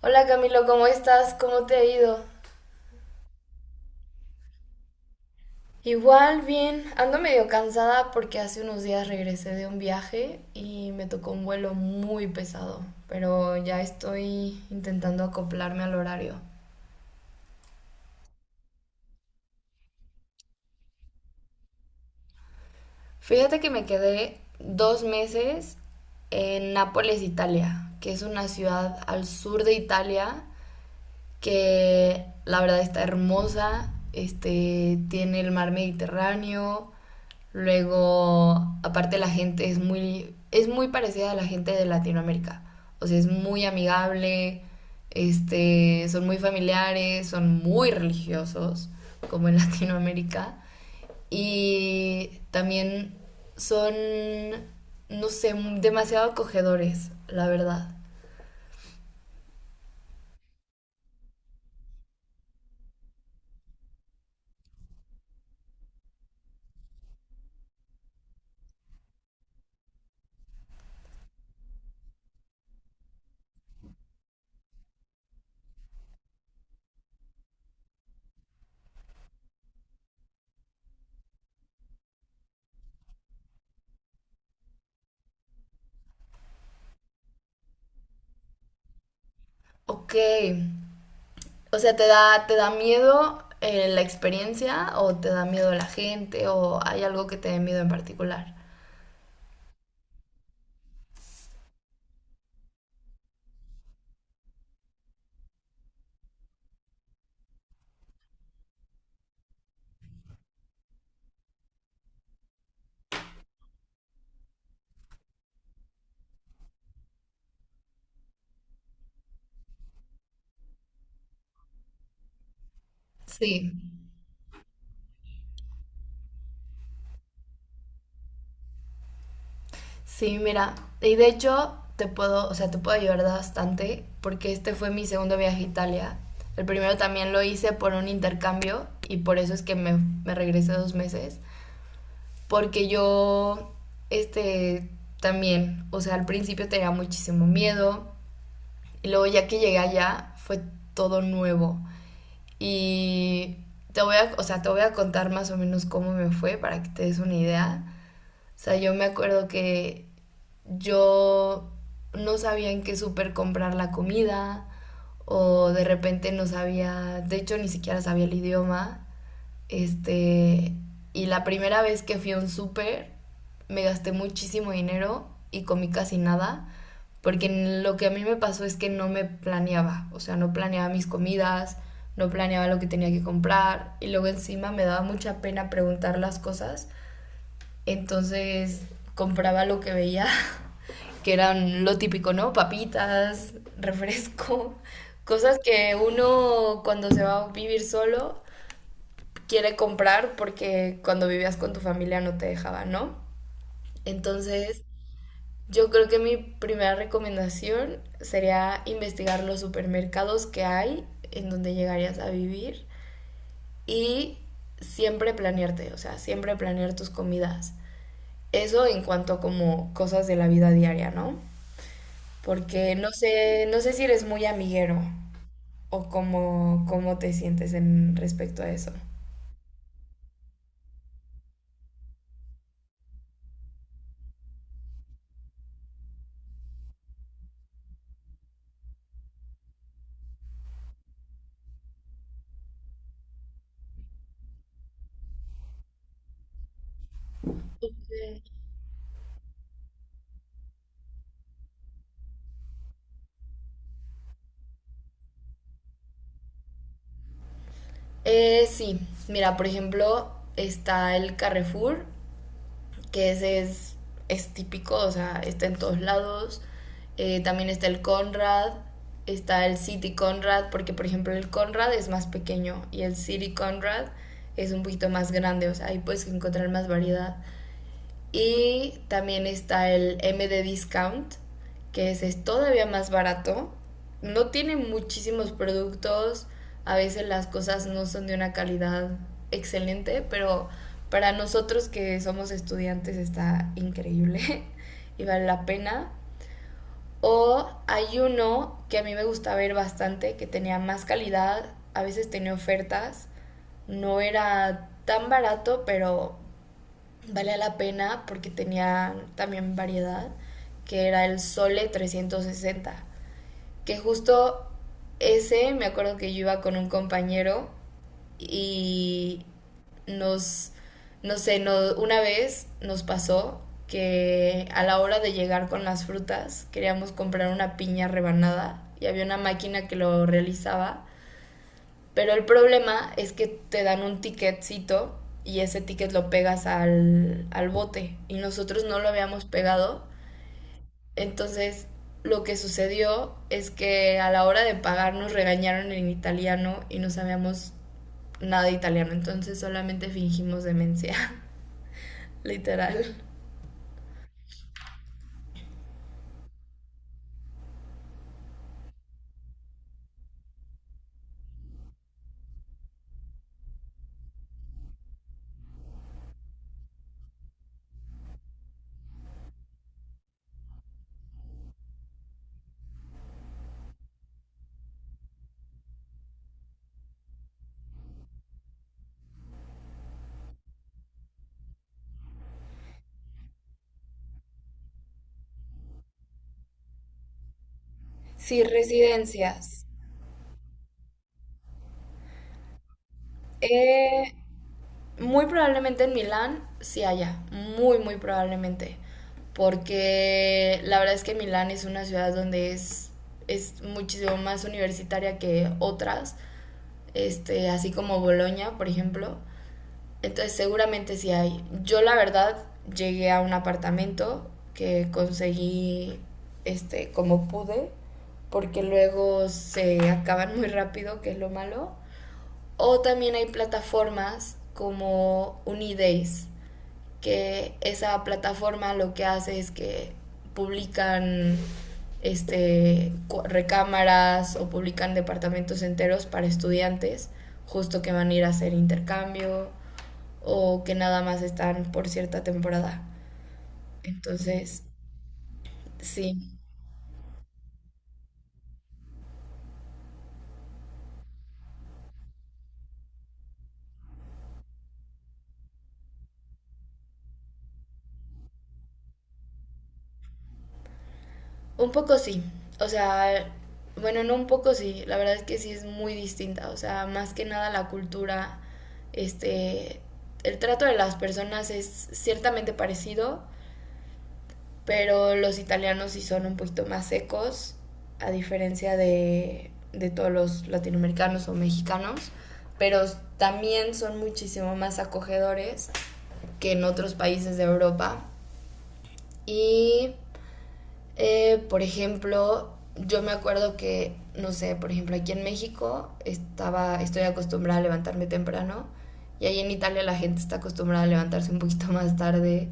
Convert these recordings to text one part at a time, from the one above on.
Hola Camilo, ¿cómo estás? ¿Cómo te ha ido? Igual, bien. Ando medio cansada porque hace unos días regresé de un viaje y me tocó un vuelo muy pesado, pero ya estoy intentando acoplarme al horario. Fíjate que me quedé 2 meses en Nápoles, Italia, que es una ciudad al sur de Italia que la verdad está hermosa, este, tiene el mar Mediterráneo, luego aparte la gente es muy parecida a la gente de Latinoamérica, o sea, es muy amigable, este, son muy familiares, son muy religiosos, como en Latinoamérica, y también son, no sé, demasiado acogedores, la verdad. Ok. O sea, ¿te da miedo la experiencia o te da miedo la gente o hay algo que te dé miedo en particular? Sí. Sí, mira, y de hecho te puedo, o sea, te puedo ayudar bastante porque este fue mi segundo viaje a Italia. El primero también lo hice por un intercambio y por eso es que me regresé 2 meses. Porque yo, este, también, o sea, al principio tenía muchísimo miedo y luego ya que llegué allá fue todo nuevo. Y te voy a, o sea, te voy a contar más o menos cómo me fue para que te des una idea. O sea, yo me acuerdo que yo no sabía en qué súper comprar la comida o de repente no sabía, de hecho ni siquiera sabía el idioma. Este, y la primera vez que fui a un súper me gasté muchísimo dinero y comí casi nada, porque lo que a mí me pasó es que no me planeaba, o sea, no planeaba mis comidas, no planeaba lo que tenía que comprar y luego encima me daba mucha pena preguntar las cosas, entonces compraba lo que veía, que eran lo típico, ¿no? Papitas, refresco, cosas que uno cuando se va a vivir solo quiere comprar porque cuando vivías con tu familia no te dejaba, ¿no? Entonces, yo creo que mi primera recomendación sería investigar los supermercados que hay en donde llegarías a vivir y siempre planearte, o sea, siempre planear tus comidas. Eso en cuanto a como cosas de la vida diaria, ¿no? Porque no sé, no sé si eres muy amiguero o cómo te sientes en respecto a eso. Sí. Sí, mira, por ejemplo, está el Carrefour, que ese es típico, o sea, está en todos lados. También está el Conrad, está el City Conrad, porque por ejemplo el Conrad es más pequeño y el City Conrad es un poquito más grande, o sea, ahí puedes encontrar más variedad. Y también está el M MD Discount, que ese es todavía más barato. No tiene muchísimos productos, a veces las cosas no son de una calidad excelente, pero para nosotros que somos estudiantes está increíble y vale la pena. O hay uno que a mí me gusta ver bastante, que tenía más calidad, a veces tenía ofertas, no era tan barato, pero valía la pena porque tenía también variedad, que era el Sole 360, que justo ese me acuerdo que yo iba con un compañero y nos, no sé, una vez nos pasó que a la hora de llegar con las frutas queríamos comprar una piña rebanada y había una máquina que lo realizaba, pero el problema es que te dan un ticketcito y ese ticket lo pegas al bote y nosotros no lo habíamos pegado. Entonces lo que sucedió es que a la hora de pagar nos regañaron en italiano y no sabíamos nada de italiano, entonces solamente fingimos demencia, literal. Sí, residencias. Eh, Muy probablemente en Milán sí haya, muy, muy probablemente. Porque la verdad es que Milán es una ciudad donde es muchísimo más universitaria que otras, este, así como Bolonia, por ejemplo. Entonces seguramente sí hay. Yo la verdad llegué a un apartamento que conseguí, este, como pude, porque luego se acaban muy rápido, que es lo malo. O también hay plataformas como Unidays, que esa plataforma lo que hace es que publican, este, recámaras o publican departamentos enteros para estudiantes, justo que van a ir a hacer intercambio o que nada más están por cierta temporada. Entonces, sí. Un poco sí, o sea, bueno, no un poco sí, la verdad es que sí es muy distinta, o sea, más que nada la cultura, este, el trato de las personas es ciertamente parecido, pero los italianos sí son un poquito más secos, a diferencia de todos los latinoamericanos o mexicanos, pero también son muchísimo más acogedores que en otros países de Europa. Y por ejemplo, yo me acuerdo que, no sé, por ejemplo, aquí en México estaba, estoy acostumbrada a levantarme temprano y ahí en Italia la gente está acostumbrada a levantarse un poquito más tarde,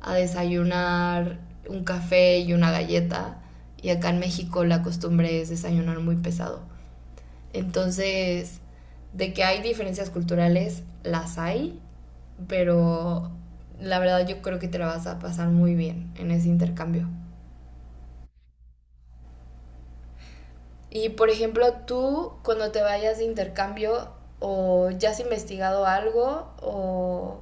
a desayunar un café y una galleta y acá en México la costumbre es desayunar muy pesado. Entonces, de que hay diferencias culturales, las hay, pero la verdad yo creo que te la vas a pasar muy bien en ese intercambio. Y por ejemplo, tú cuando te vayas de intercambio o ya has investigado algo o,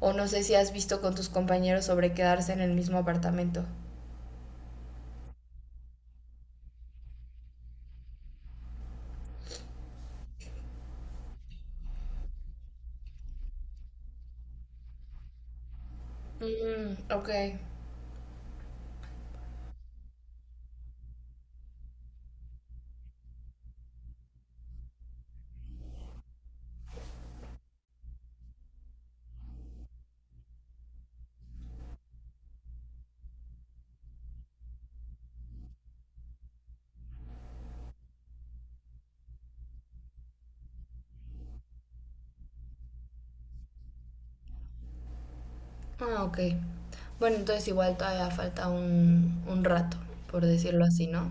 o no sé si has visto con tus compañeros sobre quedarse en el mismo apartamento. Mm, ok. Ah, ok. Bueno, entonces igual todavía falta un rato, por decirlo así, ¿no?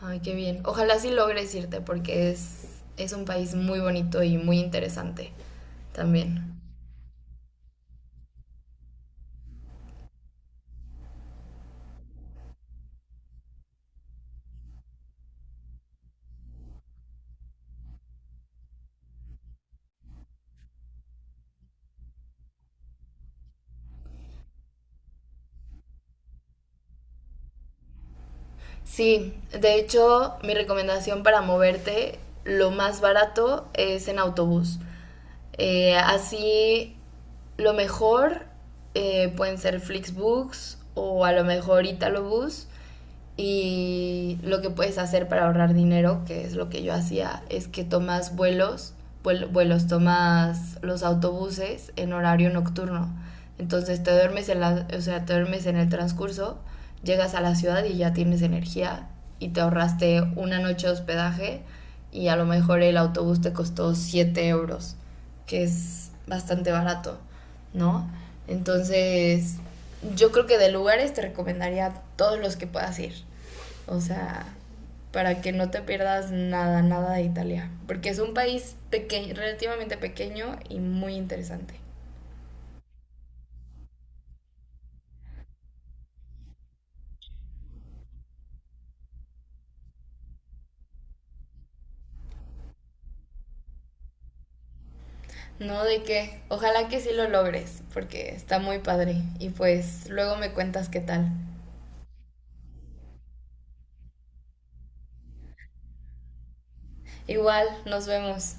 Ay, qué bien. Ojalá sí logres irte porque es un país muy bonito y muy interesante también. Sí, de hecho, mi recomendación para moverte, lo más barato es en autobús. Así, lo mejor pueden ser Flixbus o a lo mejor Italobús. Y lo que puedes hacer para ahorrar dinero, que es lo que yo hacía, es que tomas tomas los autobuses en horario nocturno. Entonces te duermes en la, o sea, te duermes en el transcurso, llegas a la ciudad y ya tienes energía y te ahorraste una noche de hospedaje y a lo mejor el autobús te costó 7 euros, que es bastante barato, ¿no? Entonces, yo creo que de lugares te recomendaría todos los que puedas ir. O sea, para que no te pierdas nada, nada de Italia. Porque es un país pequeño, relativamente pequeño y muy interesante. No de que, ojalá que sí lo logres, porque está muy padre. Y pues luego me cuentas qué tal. Igual, nos vemos.